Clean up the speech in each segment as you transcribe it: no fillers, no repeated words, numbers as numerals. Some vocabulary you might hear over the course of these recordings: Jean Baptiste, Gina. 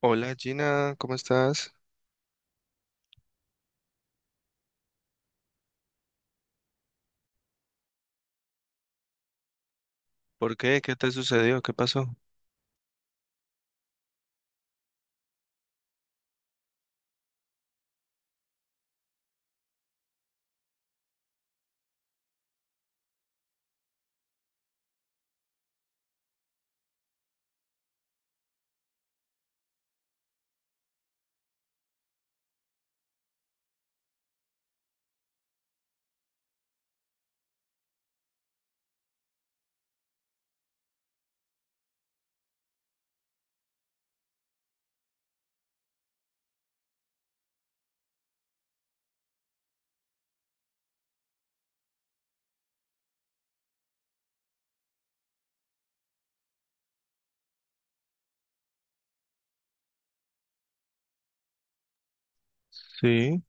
Hola Gina, ¿cómo estás? ¿Por qué? ¿Qué te sucedió? ¿Qué pasó? Sí.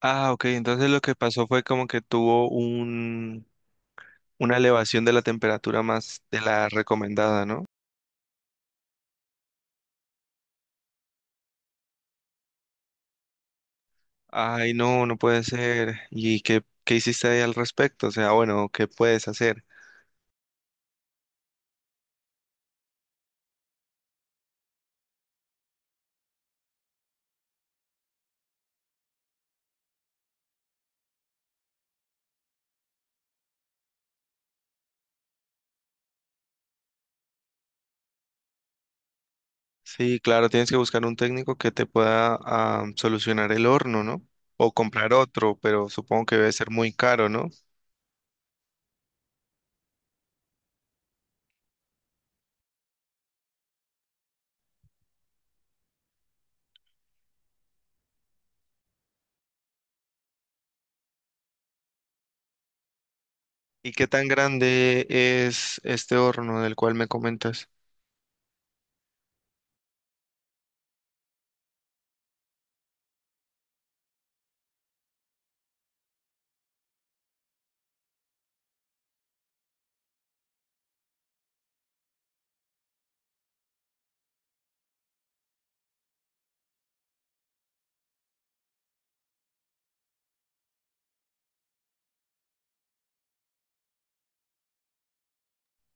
Ah, ok, entonces lo que pasó fue como que tuvo un, una elevación de la temperatura más de la recomendada, ¿no? Ay, no, no puede ser. ¿Y qué hiciste ahí al respecto? O sea, bueno, ¿qué puedes hacer? Sí, claro, tienes que buscar un técnico que te pueda solucionar el horno, ¿no? O comprar otro, pero supongo que debe ser muy caro, ¿no? ¿Y qué tan grande es este horno del cual me comentas?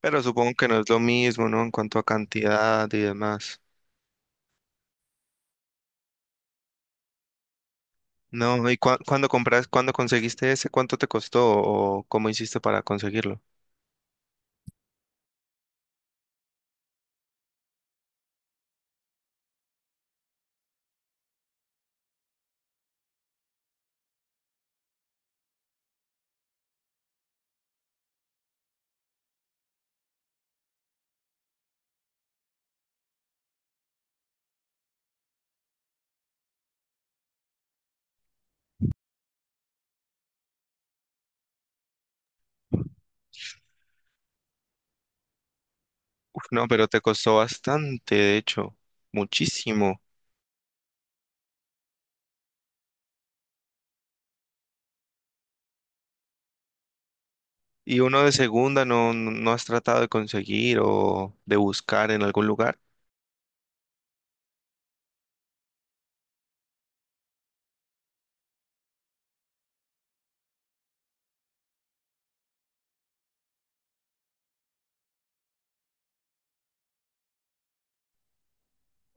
Pero supongo que no es lo mismo, ¿no? En cuanto a cantidad y demás. No, ¿y cuándo compras, cuándo conseguiste ese? ¿Cuánto te costó o cómo hiciste para conseguirlo? Uf, no, pero te costó bastante, de hecho, muchísimo. ¿Y uno de segunda no, no has tratado de conseguir o de buscar en algún lugar?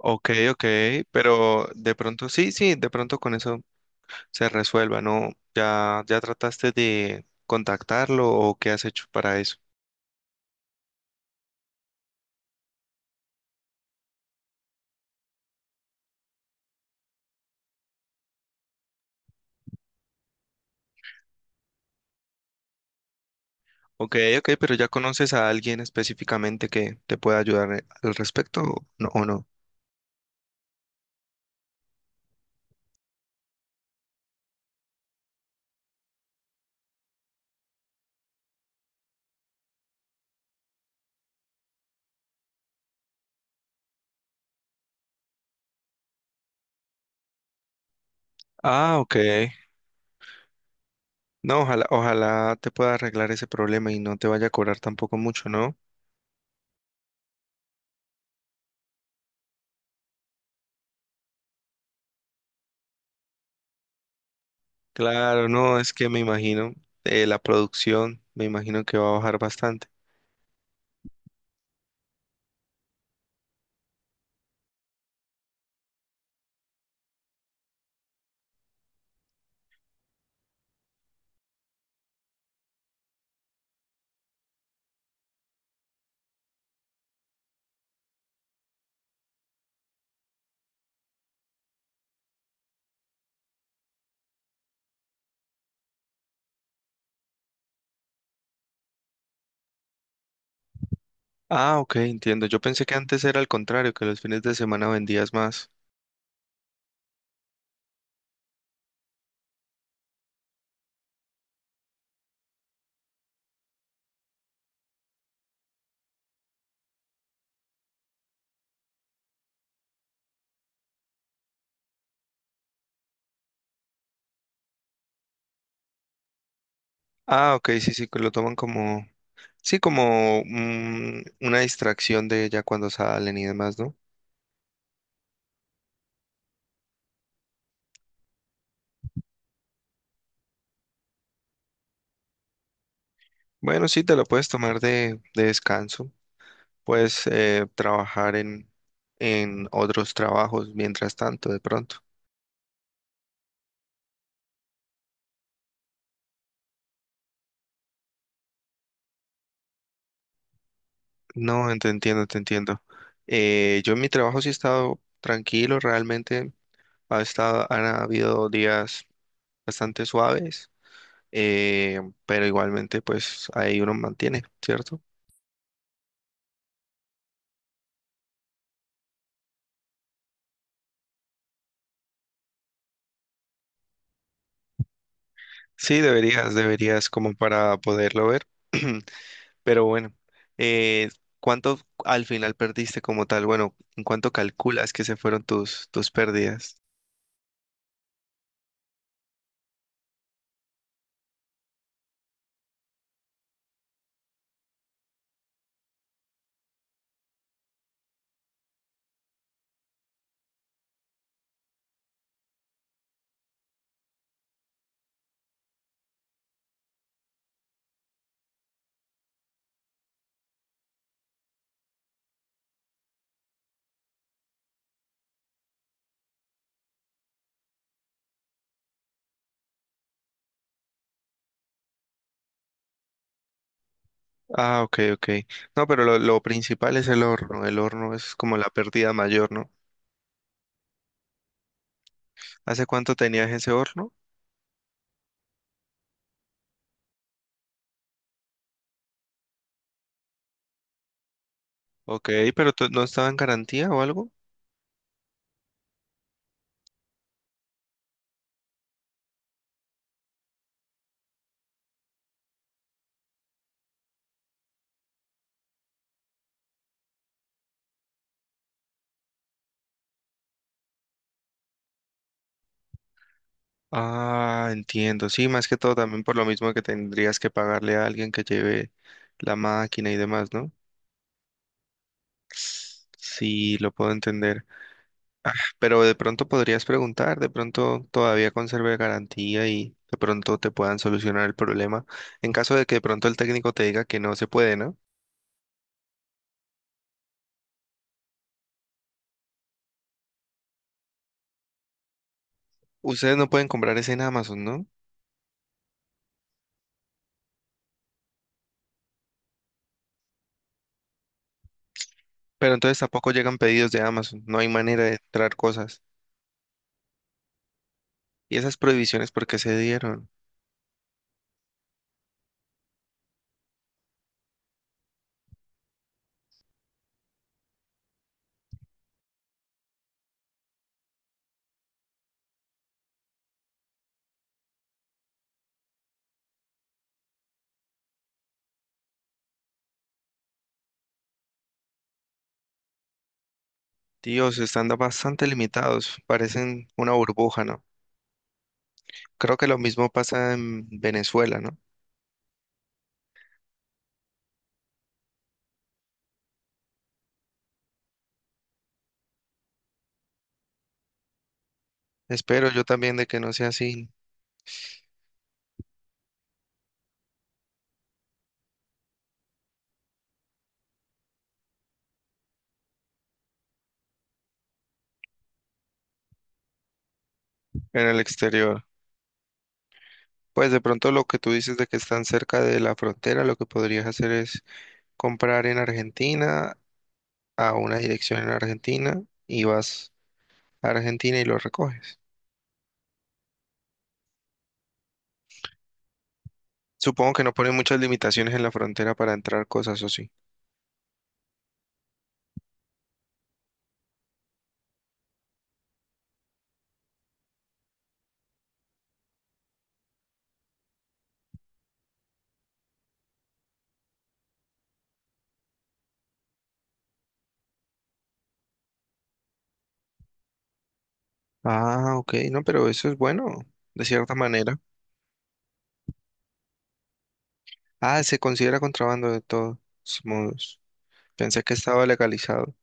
Ok, ok, pero de pronto, sí, sí, de pronto con eso se resuelva, ¿no? ¿Ya, ya trataste de contactarlo o qué has hecho para eso? Ok, ok, pero ¿ya conoces a alguien específicamente que te pueda ayudar al respecto o no? Ah, ok. No, ojalá, ojalá te pueda arreglar ese problema y no te vaya a cobrar tampoco mucho, ¿no? Claro, no, es que me imagino, la producción, me imagino que va a bajar bastante. Ah, ok, entiendo. Yo pensé que antes era al contrario, que los fines de semana vendías más. Ah, ok, sí, sí, que lo toman sí, como una distracción de ya cuando salen y demás, ¿no? Bueno, sí, te lo puedes tomar de descanso. Puedes trabajar en otros trabajos mientras tanto, de pronto. No, te entiendo. Yo en mi trabajo sí he estado tranquilo, realmente ha estado, han habido días bastante suaves, eh, pero igualmente pues ahí uno mantiene, ¿cierto? Sí, deberías como para poderlo ver. Pero bueno, eh, ¿cuánto al final perdiste como tal? Bueno, ¿en cuánto calculas que se fueron tus pérdidas? Ah, ok, ok. No, pero lo principal es el horno. El horno es como la pérdida mayor, ¿no? ¿Hace cuánto tenías ese horno? Ok, pero ¿no estaba en garantía o algo? Ah, entiendo. Sí, más que todo también por lo mismo que tendrías que pagarle a alguien que lleve la máquina y demás, ¿no? Sí, lo puedo entender. Pero de pronto podrías preguntar, de pronto todavía conserve garantía y de pronto te puedan solucionar el problema. En caso de que de pronto el técnico te diga que no se puede, ¿no? Ustedes no pueden comprar ese en Amazon, ¿no? Pero entonces tampoco llegan pedidos de Amazon, no hay manera de entrar cosas. ¿Y esas prohibiciones por qué se dieron? Dios, están bastante limitados, parecen una burbuja, ¿no? Creo que lo mismo pasa en Venezuela, ¿no? Espero yo también de que no sea así en el exterior. Pues de pronto lo que tú dices de que están cerca de la frontera, lo que podrías hacer es comprar en Argentina a una dirección en Argentina y vas a Argentina y lo recoges. Supongo que no ponen muchas limitaciones en la frontera para entrar cosas o sí. Ah, ok, no, pero eso es bueno, de cierta manera. Ah, se considera contrabando de todos modos. Pensé que estaba legalizado.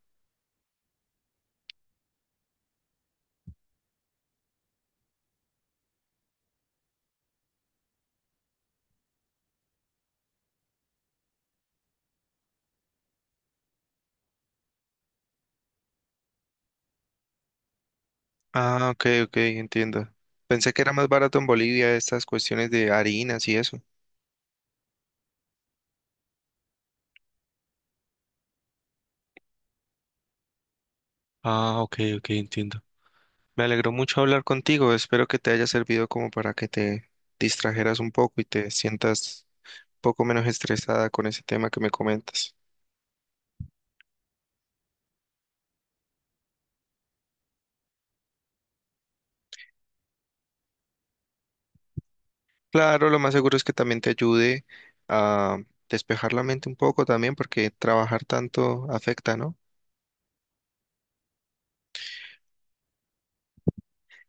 Ah, ok, ok, entiendo. Pensé que era más barato en Bolivia estas cuestiones de harinas y eso. Ah, ok, ok, entiendo. Me alegró mucho hablar contigo. Espero que te haya servido como para que te distrajeras un poco y te sientas un poco menos estresada con ese tema que me comentas. Claro, lo más seguro es que también te ayude a despejar la mente un poco también, porque trabajar tanto afecta, ¿no?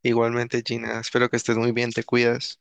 Igualmente, Gina, espero que estés muy bien, te cuidas.